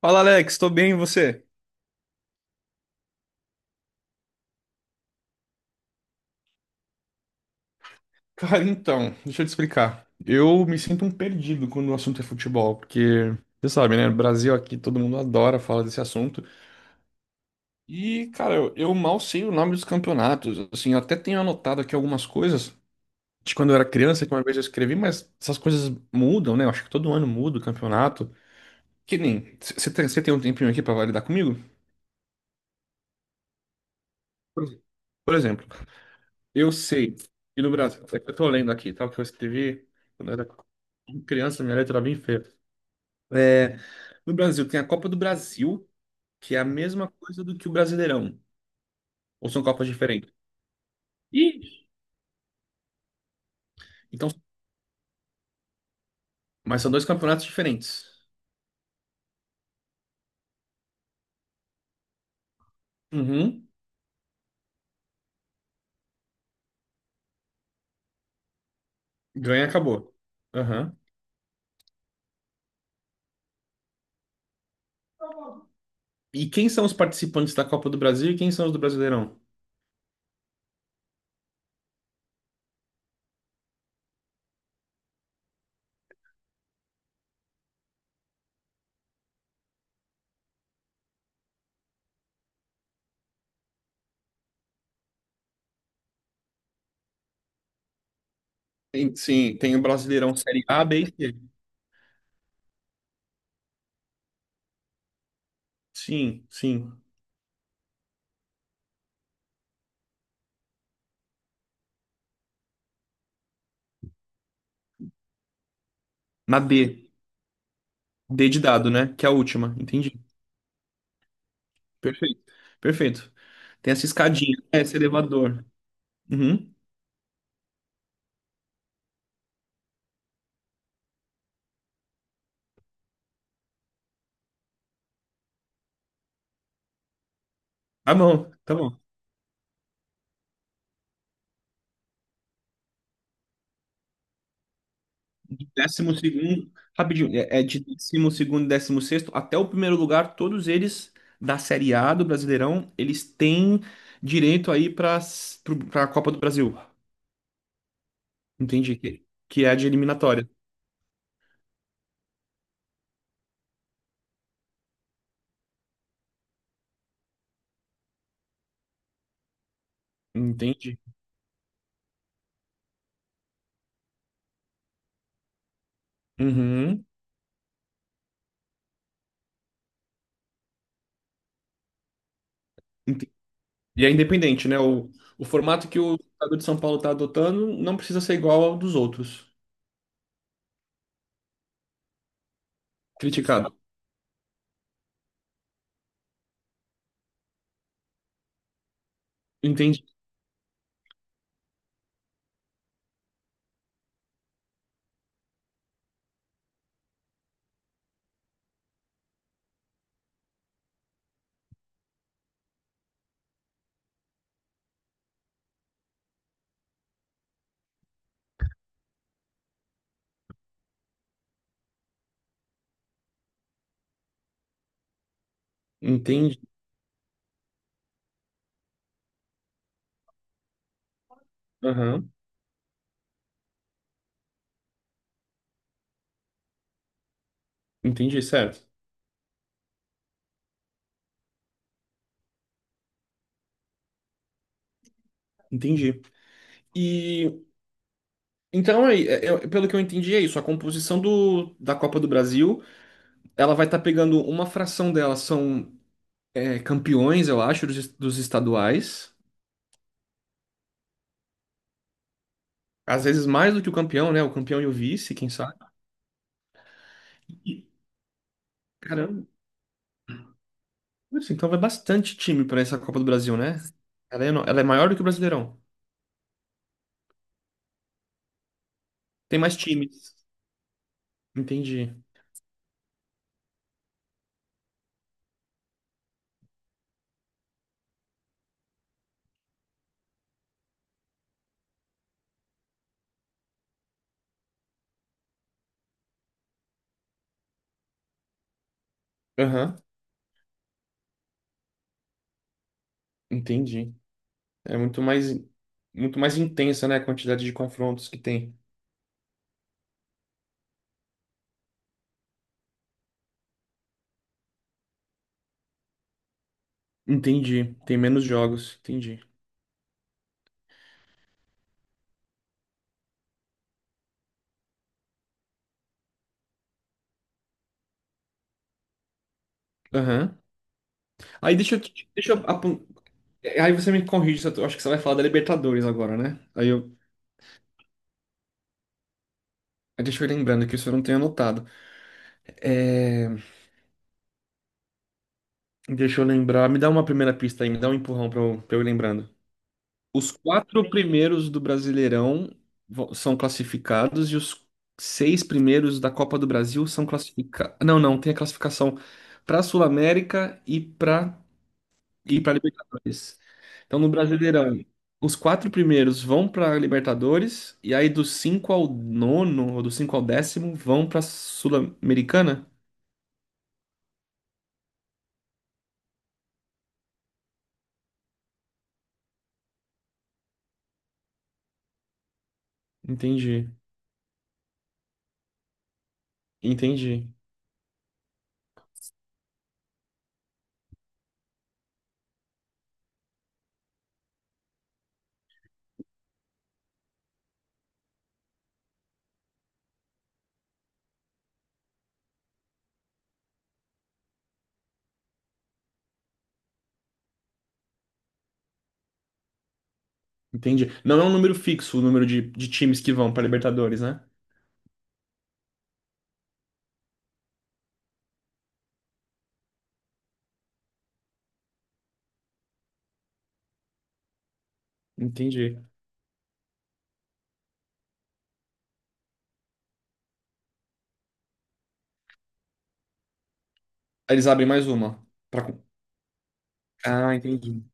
Fala, Alex, tô bem, e você? Cara, então, deixa eu te explicar. Eu me sinto um perdido quando o assunto é futebol, porque você sabe, né? No Brasil aqui todo mundo adora falar desse assunto. E, cara, eu mal sei o nome dos campeonatos. Assim, eu até tenho anotado aqui algumas coisas de quando eu era criança, que uma vez eu escrevi, mas essas coisas mudam, né? Eu acho que todo ano muda o campeonato. Que nem. Cê tem um tempinho aqui pra validar comigo? Por por exemplo. Eu sei. E no Brasil, é que eu tô lendo aqui, tá? O que eu escrevi quando eu era criança, minha letra era bem feia. É, no Brasil tem a Copa do Brasil, que é a mesma coisa do que o Brasileirão. Ou são copas diferentes? Ih! Então, mas são dois campeonatos diferentes. Uhum. Ganha, acabou. Aham. E quem são os participantes da Copa do Brasil e quem são os do Brasileirão? Sim, tem o Brasileirão Série A, B e C. Sim, sim. Na D. D de dado, né? Que é a última. Entendi. Perfeito. Perfeito. Tem essa escadinha, né, esse elevador. Uhum. Tá bom, tá bom. De 12º, rapidinho, é de 12º e 16º até o primeiro lugar, todos eles da Série A do Brasileirão, eles têm direito aí para a Copa do Brasil. Entendi. Que é a de eliminatória. Entendi. Uhum. Ente- E é independente, né? O formato que o estado de São Paulo está adotando não precisa ser igual ao dos outros. Criticado. Entendi. Entendi. Aham, entendi, certo. Entendi. E então, aí, pelo que eu entendi, é isso. A composição do, da Copa do Brasil, ela vai estar pegando uma fração dela, são campeões, eu acho, dos, dos estaduais. Às vezes mais do que o campeão, né? O campeão e o vice, quem sabe. E, caramba, isso, então vai bastante time para essa Copa do Brasil, né? Ela é maior do que o Brasileirão. Tem mais times. Entendi. Aham, entendi. É muito mais intensa, né, a quantidade de confrontos que tem. Entendi. Tem menos jogos. Entendi. Aham. Aí deixa eu. Te- Deixa eu Aí você me corrige, se eu tô- acho que você vai falar da Libertadores agora, né? Aí eu. Aí Deixa eu ir lembrando que isso eu não tenho anotado. É, deixa eu lembrar. Me dá uma primeira pista aí, me dá um empurrão pra eu ir lembrando. Os quatro primeiros do Brasileirão são classificados e os seis primeiros da Copa do Brasil são classificados. Não, não, tem a classificação pra Sul-América e pra e para Libertadores. Então, no Brasileirão, os quatro primeiros vão para Libertadores, e aí do 5 ao nono, ou do 5 ao décimo, vão para Sul-Americana? Entendi, entendi, entendi. Não é um número fixo o número de times que vão para Libertadores, né? Entendi. Aí eles abrem mais uma. Ah, entendi.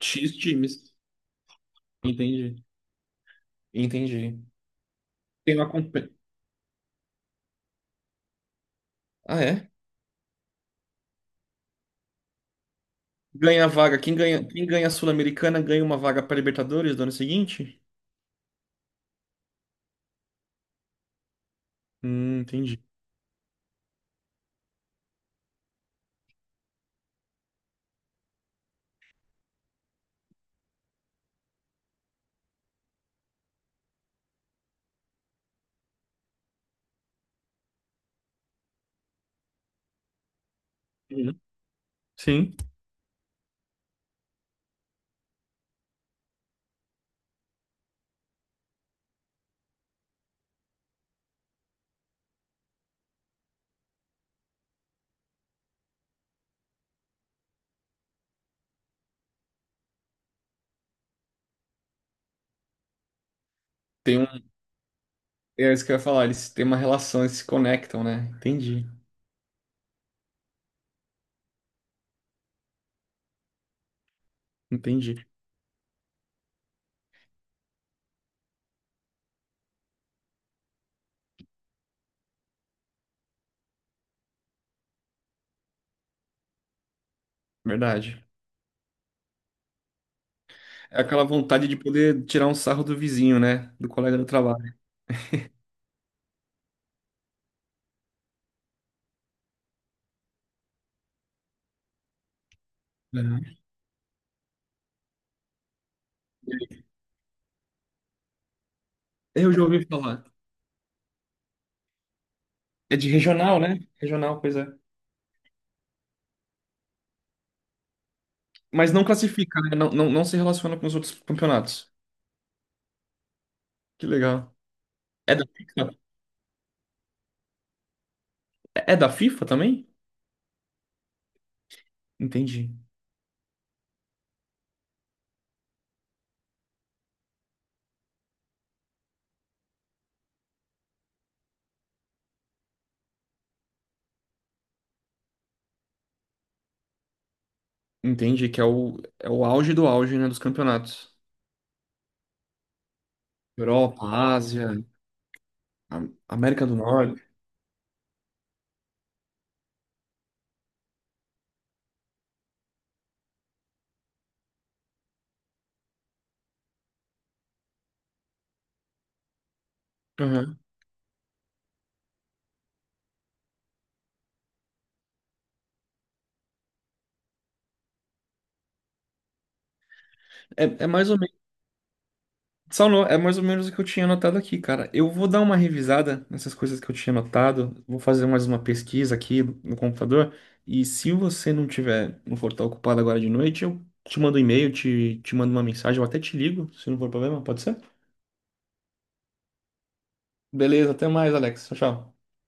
X times. Entendi, entendi. Tem uma compen- Ah, é? Ganha a vaga. Quem ganha a Sul-Americana ganha uma vaga para Libertadores do ano seguinte? Entendi. Uhum. Sim. Tem um, é isso que eu ia falar, eles têm uma relação, eles se conectam, né? Entendi, entendi. Verdade. É aquela vontade de poder tirar um sarro do vizinho, né? Do colega do trabalho. Uhum. Eu já ouvi falar. É de regional, né? Regional, pois é. Mas não classifica, né? Não, não, não se relaciona com os outros campeonatos. Que legal. É da FIFA? É da FIFA também? Entendi. Entendi, que é o, é o auge do auge, né? Dos campeonatos. Europa, Ásia, América do Norte. É, é mais ou menos. Só no- é mais ou menos o que eu tinha anotado aqui, cara. Eu vou dar uma revisada nessas coisas que eu tinha anotado. Vou fazer mais uma pesquisa aqui no computador. E se você não tiver, não for estar ocupado agora de noite, eu te mando um e-mail, te mando uma mensagem, eu até te ligo, se não for problema, pode ser? Beleza, até mais, Alex. Tchau, tchau.